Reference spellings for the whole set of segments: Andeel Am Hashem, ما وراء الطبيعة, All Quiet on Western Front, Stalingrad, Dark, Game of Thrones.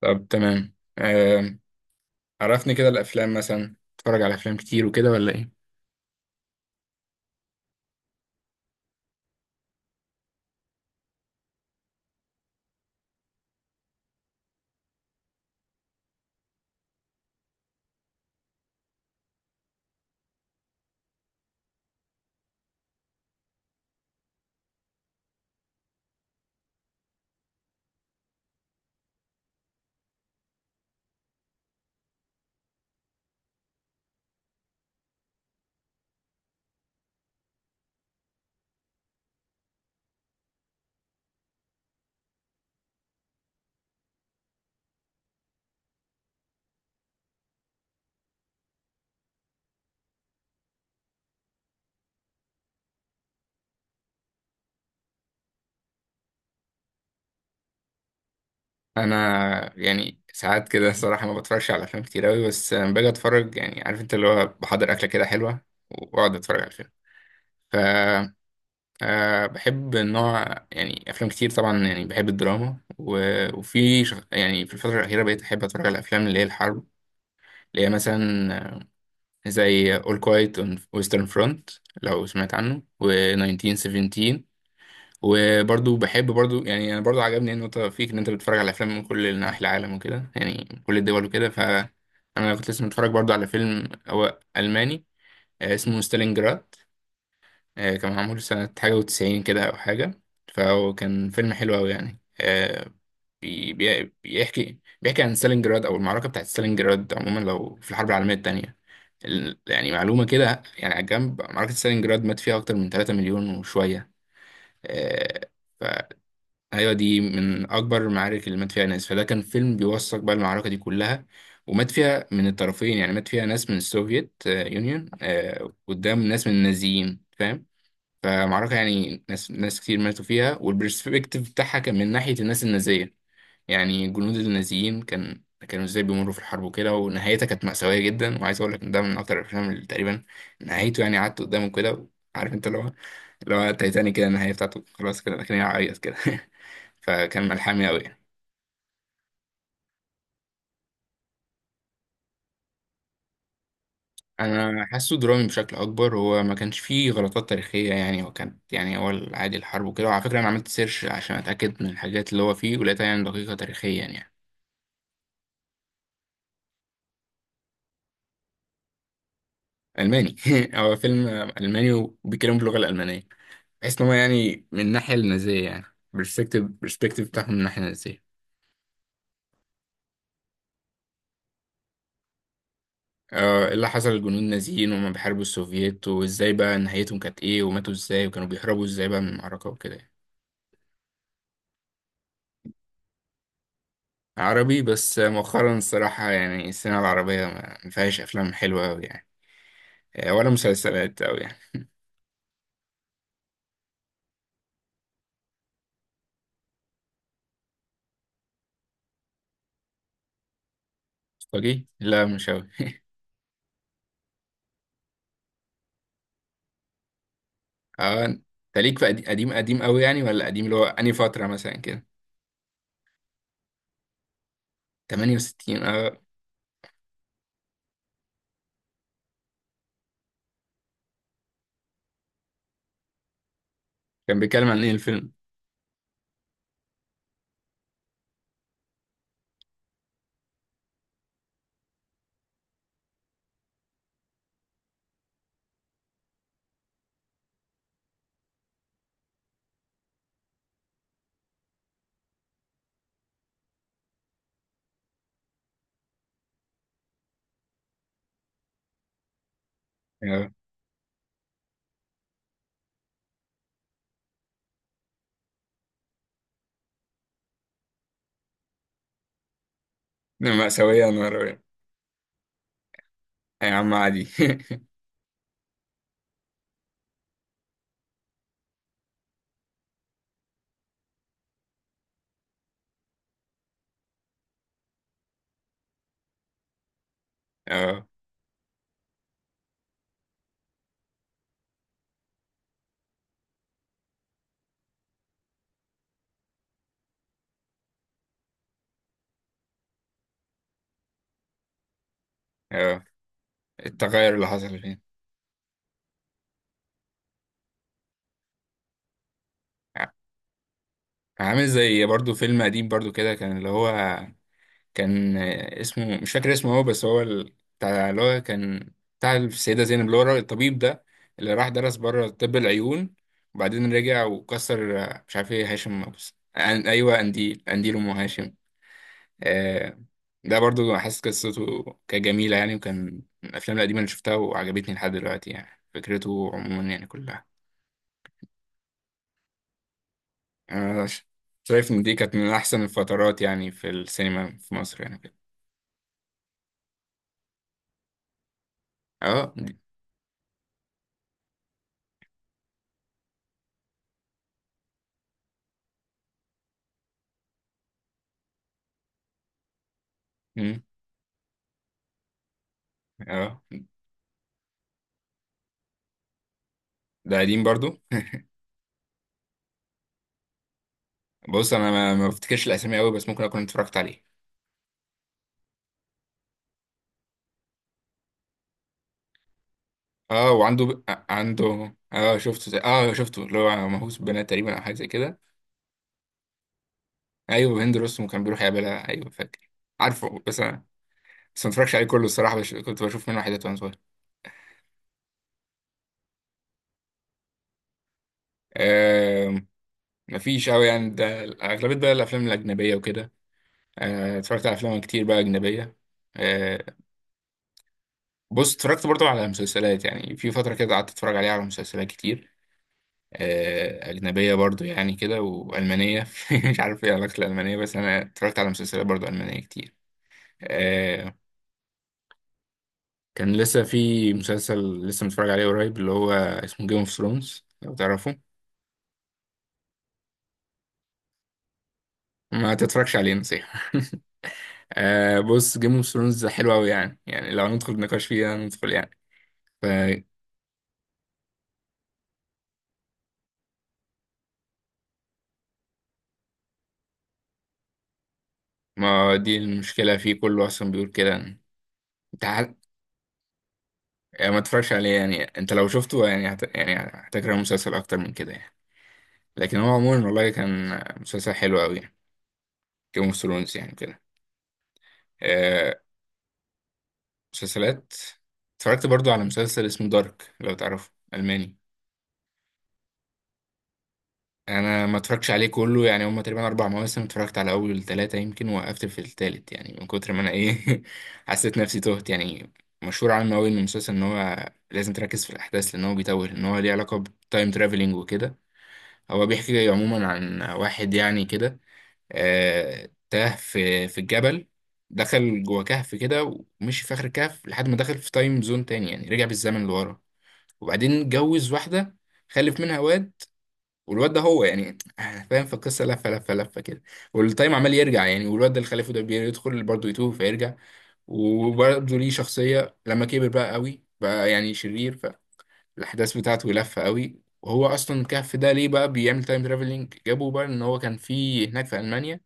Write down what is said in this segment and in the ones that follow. طب تمام، عرفني كده الافلام مثلا. بتتفرج على افلام كتير وكده ولا ايه؟ انا يعني ساعات كده الصراحه ما بتفرجش على افلام كتير قوي، بس لما باجي اتفرج يعني، عارف انت اللي هو، بحضر اكله كده حلوه واقعد اتفرج على الفيلم. ف بحب نوع، يعني افلام كتير طبعا. يعني بحب الدراما وفي يعني في الفتره الاخيره بقيت احب اتفرج على الافلام اللي هي الحرب، اللي هي مثلا زي All Quiet on Western Front لو سمعت عنه و1917. وبرضو بحب برضو، يعني انا برضو عجبني النقطه فيك ان انت بتتفرج على افلام من كل نواحي العالم وكده، يعني من كل الدول وكده. ف انا كنت لسه متفرج برضو على فيلم هو الماني، اسمه ستالينجراد، كان معمول سنه حاجه وتسعين كده او حاجه. فهو كان فيلم حلو قوي يعني، بيحكي عن ستالينجراد او المعركه بتاعت ستالينجراد عموما، لو في الحرب العالميه الثانيه. يعني معلومه كده يعني على جنب، معركه ستالينجراد مات فيها اكتر من 3 مليون وشويه. آه، ايوه دي من اكبر المعارك اللي مات فيها ناس. فده كان فيلم بيوثق بقى المعركه دي كلها. ومات فيها من الطرفين، يعني مات فيها ناس من السوفييت يونيون قدام ناس من النازيين، فاهم؟ فمعركه يعني ناس كتير ماتوا فيها، والبرسبكتيف بتاعها كان من ناحيه الناس النازيه. يعني جنود النازيين كانوا ازاي بيمروا في الحرب وكده، ونهايتها كانت مأساوية جدا. وعايز اقول لك ان ده من اكتر الافلام اللي تقريبا نهايته، يعني قعدت قدامه كده، عارف انت اللي هو، تايتانيك كده، النهاية بتاعته خلاص كده، لكن هعيط كده فكان ملحمي قوي. انا حاسه درامي بشكل اكبر. هو ما كانش فيه غلطات تاريخيه يعني، هو كانت يعني، هو عادي الحرب وكده. وعلى فكره انا عملت سيرش عشان اتاكد من الحاجات اللي هو فيه، ولقيتها يعني دقيقه تاريخيا يعني. الماني هو فيلم الماني وبيتكلم باللغه الالمانيه، بحيث ان هو يعني من الناحيه النازيه يعني، برسبكتيف بتاعهم من الناحيه النازيه. ايه اللي حصل للجنود النازيين وهم بيحاربوا السوفييت، وازاي بقى نهايتهم كانت ايه، وماتوا ازاي، وكانوا بيهربوا ازاي بقى من المعركه وكده يعني. عربي، بس مؤخرا الصراحه يعني السينما العربيه ما فيهاش افلام حلوه قوي يعني، ولا مسلسلات قوي يعني. لا مش قوي اه، انت ليك في قديم؟ قديم قديم قوي، يعني، ولا قديم اللي هو انهي فتره مثلا كده؟ 68، اه. كان بيتكلم عن ايه الفيلم؟ آه، مأساوية، يا نهار أبيض. يا عم عادي اه، اه، التغير اللي حصل فيه، عامل زي برضو فيلم قديم برضو كده كان، اللي هو كان اسمه مش فاكر اسمه هو، بس هو بتاع اللي هو كان بتاع السيدة زينب، اللي هو الطبيب ده اللي راح درس بره طب العيون، وبعدين رجع وكسر، مش عارف ايه، هاشم، بس ايوه، انديل انديل ام هاشم. آه ده برضو حاسس قصته كانت جميلة يعني، وكان من الافلام القديمة اللي شفتها وعجبتني لحد دلوقتي، يعني فكرته عموما يعني كلها. يعني أنا شايف إن دي كانت من أحسن الفترات يعني في السينما في مصر، يعني كده. أه دي- مم، أه، ده قديم برضو. بص، أنا ما بفتكرش الأسامي أوي، بس ممكن أكون اتفرجت عليه. أه، وعنده عنده أه، أه شفته اللي هو مهووس بنات تقريبا، أو حاجة زي كده. أيوه، هند رستم كان بيروح يقابلها، أيوه فاكر، عارفه. بس أنا، ما اتفرجش عليه كله الصراحة، كنت بشوف منه حاجات وأنا صغير. أه... مفيش أوي يعني، ده أغلبية بقى الأفلام الأجنبية وكده. اتفرجت على أفلام كتير بقى أجنبية. آه، بص اتفرجت برضو على مسلسلات، يعني في فترة كده قعدت اتفرج عليها على مسلسلات كتير، أجنبية برضو يعني كده، وألمانية مش عارف ايه علاقة الألمانية، بس أنا اتفرجت على مسلسلات برضو ألمانية كتير. آه، كان لسه في مسلسل لسه متفرج عليه قريب، اللي هو اسمه جيم اوف ثرونز لو تعرفه. ما تتفرجش عليه، نصيحة بص جيم اوف ثرونز حلو أوي يعني لو ندخل نقاش فيها ندخل يعني. فما، دي المشكلة فيه كله، أصلا بيقول كده. انت يعني ما اتفرجش عليه يعني، انت لو شفته يعني يعني هتكره المسلسل اكتر من كده يعني. لكن هو عموما والله كان مسلسل حلو قوي يعني، جيم اوف ثرونز يعني كده. آه، مسلسلات، اتفرجت برضو على مسلسل اسمه دارك لو تعرفه، الماني. انا ما اتفرجتش عليه كله يعني، هما تقريبا 4 مواسم، اتفرجت على اول ثلاثه، يمكن وقفت في الثالث يعني، من كتر ما انا ايه حسيت نفسي تهت يعني. مشهور عنه قوي ان المسلسل ان هو لازم تركز في الاحداث، لان هو بيتوه، ان هو ليه علاقه بتايم ترافلينج وكده. هو بيحكي عموما عن واحد يعني كده، تاه في الجبل، دخل جوه كهف كده، ومشي في آخر الكهف لحد ما دخل في تايم زون تاني، يعني رجع بالزمن لورا. وبعدين اتجوز واحدة، خلف منها واد، والواد ده هو يعني فاهم، في القصة لفة لفة لفة كده. والتايم عمال يرجع يعني، والواد ده اللي خلفه ده بيدخل برضه يتوه فيرجع، وبرضه ليه شخصية لما كبر بقى قوي بقى يعني شرير. الاحداث بتاعته لفه قوي. وهو اصلا الكهف ده ليه بقى بيعمل تايم ترافلنج، جابوا بقى ان هو كان في هناك في المانيا،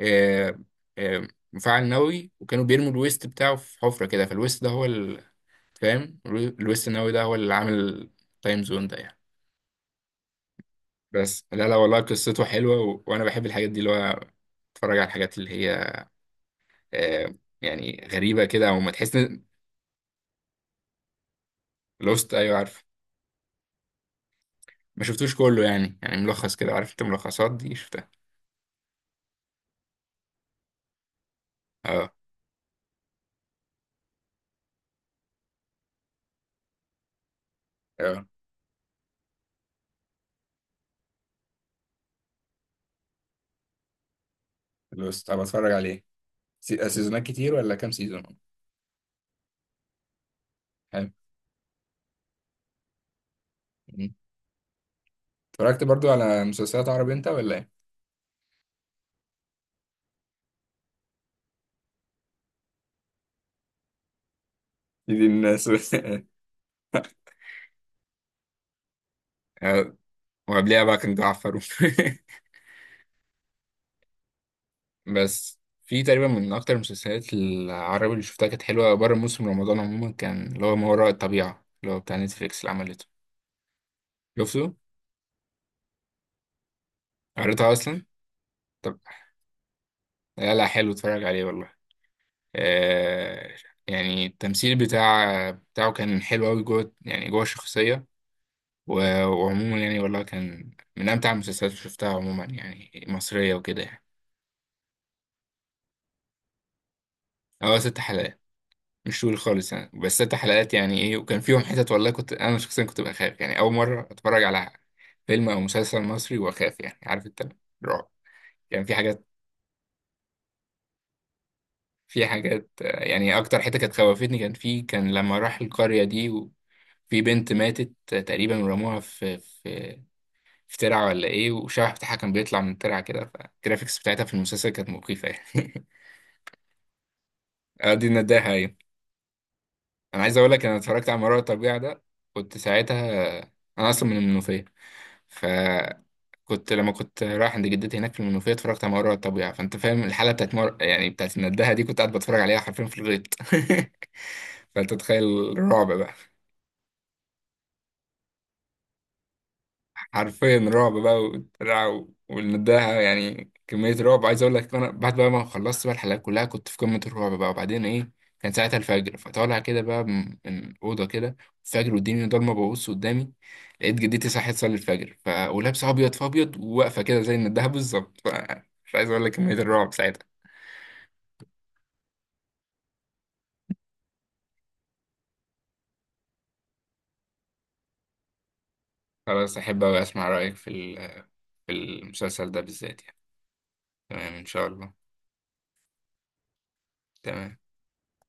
آه، مفاعل نووي، وكانوا بيرموا الويست بتاعه في حفره كده. فالويست ده هو فاهم، الويست النووي ده هو اللي عامل تايم زون ده يعني. بس لا لا، والله قصته حلوه، وانا بحب الحاجات دي، اللي هو اتفرج على الحاجات اللي هي، آه، يعني غريبه كده، او ما تحس ان. لوست، ايوه عارف. ما شفتوش كله يعني، يعني ملخص كده، عارف انت الملخصات دي، شفتها. اه. بس طب، اتفرج عليه سيزونات كتير ولا كام سيزون؟ حلو. مم. اتفرجت برضو على مسلسلات عربي انت ولا ايه؟ دي الناس آه، وقبليها بقى كان جعفر بس في تقريبا من اكتر المسلسلات العربي اللي شفتها كانت حلوه بره موسم رمضان عموما، كان اللي هو ما وراء الطبيعه، اللي هو بتاع نتفليكس اللي عملته. شفته، قريتها اصلا. طب لا لا، حلو، اتفرج عليه والله. آه يعني التمثيل بتاعه كان حلو قوي جوه، يعني جوه الشخصيه. وعموما يعني والله كان من أمتع المسلسلات اللي شفتها عموما، يعني مصرية وكده يعني. هو 6 حلقات، مش طويل خالص يعني، بس 6 حلقات، يعني إيه، وكان فيهم حتت والله كنت أنا شخصيا كنت بخاف يعني، أول مرة أتفرج على فيلم أو مسلسل مصري وأخاف، يعني عارف أنت، رعب. يعني في حاجات، يعني أكتر حتة كانت خوفتني، كان في، لما راح القرية دي في بنت ماتت تقريبا ورموها في ترعة ولا ايه، وشبح بتاعها كان بيطلع من الترعة كده، فالجرافيكس بتاعتها في المسلسل كانت مخيفة يعني دي النداهة، أيوة. أنا عايز أقول لك، أنا اتفرجت على مرار الطبيعة ده، كنت ساعتها، أنا أصلا من المنوفية، فكنت لما كنت رايح عند جدتي هناك في المنوفية اتفرجت على مرار الطبيعة. فأنت فاهم الحالة بتاعت يعني بتاعت النداهة دي، كنت قاعد بتفرج عليها حرفيا في الغيط فأنت تخيل الرعب بقى. حرفيا رعب بقى، وبتاع، والنداهة، يعني كمية رعب. عايز أقول لك، أنا بعد بقى ما خلصت بقى الحلقة كلها كنت في قمة الرعب بقى، وبعدين إيه، كان ساعتها الفجر، فطالع كده بقى من أوضة كده، الفجر، والدنيا ضلمة، ببص قدامي لقيت جدتي صحيت تصلي الفجر، ولابسة أبيض في أبيض، وواقفة كده زي النداهة بالظبط، مش عايز أقول لك كمية الرعب ساعتها. خلاص، أحب أوي أسمع رأيك في في المسلسل ده بالذات يعني. تمام إن شاء الله. تمام.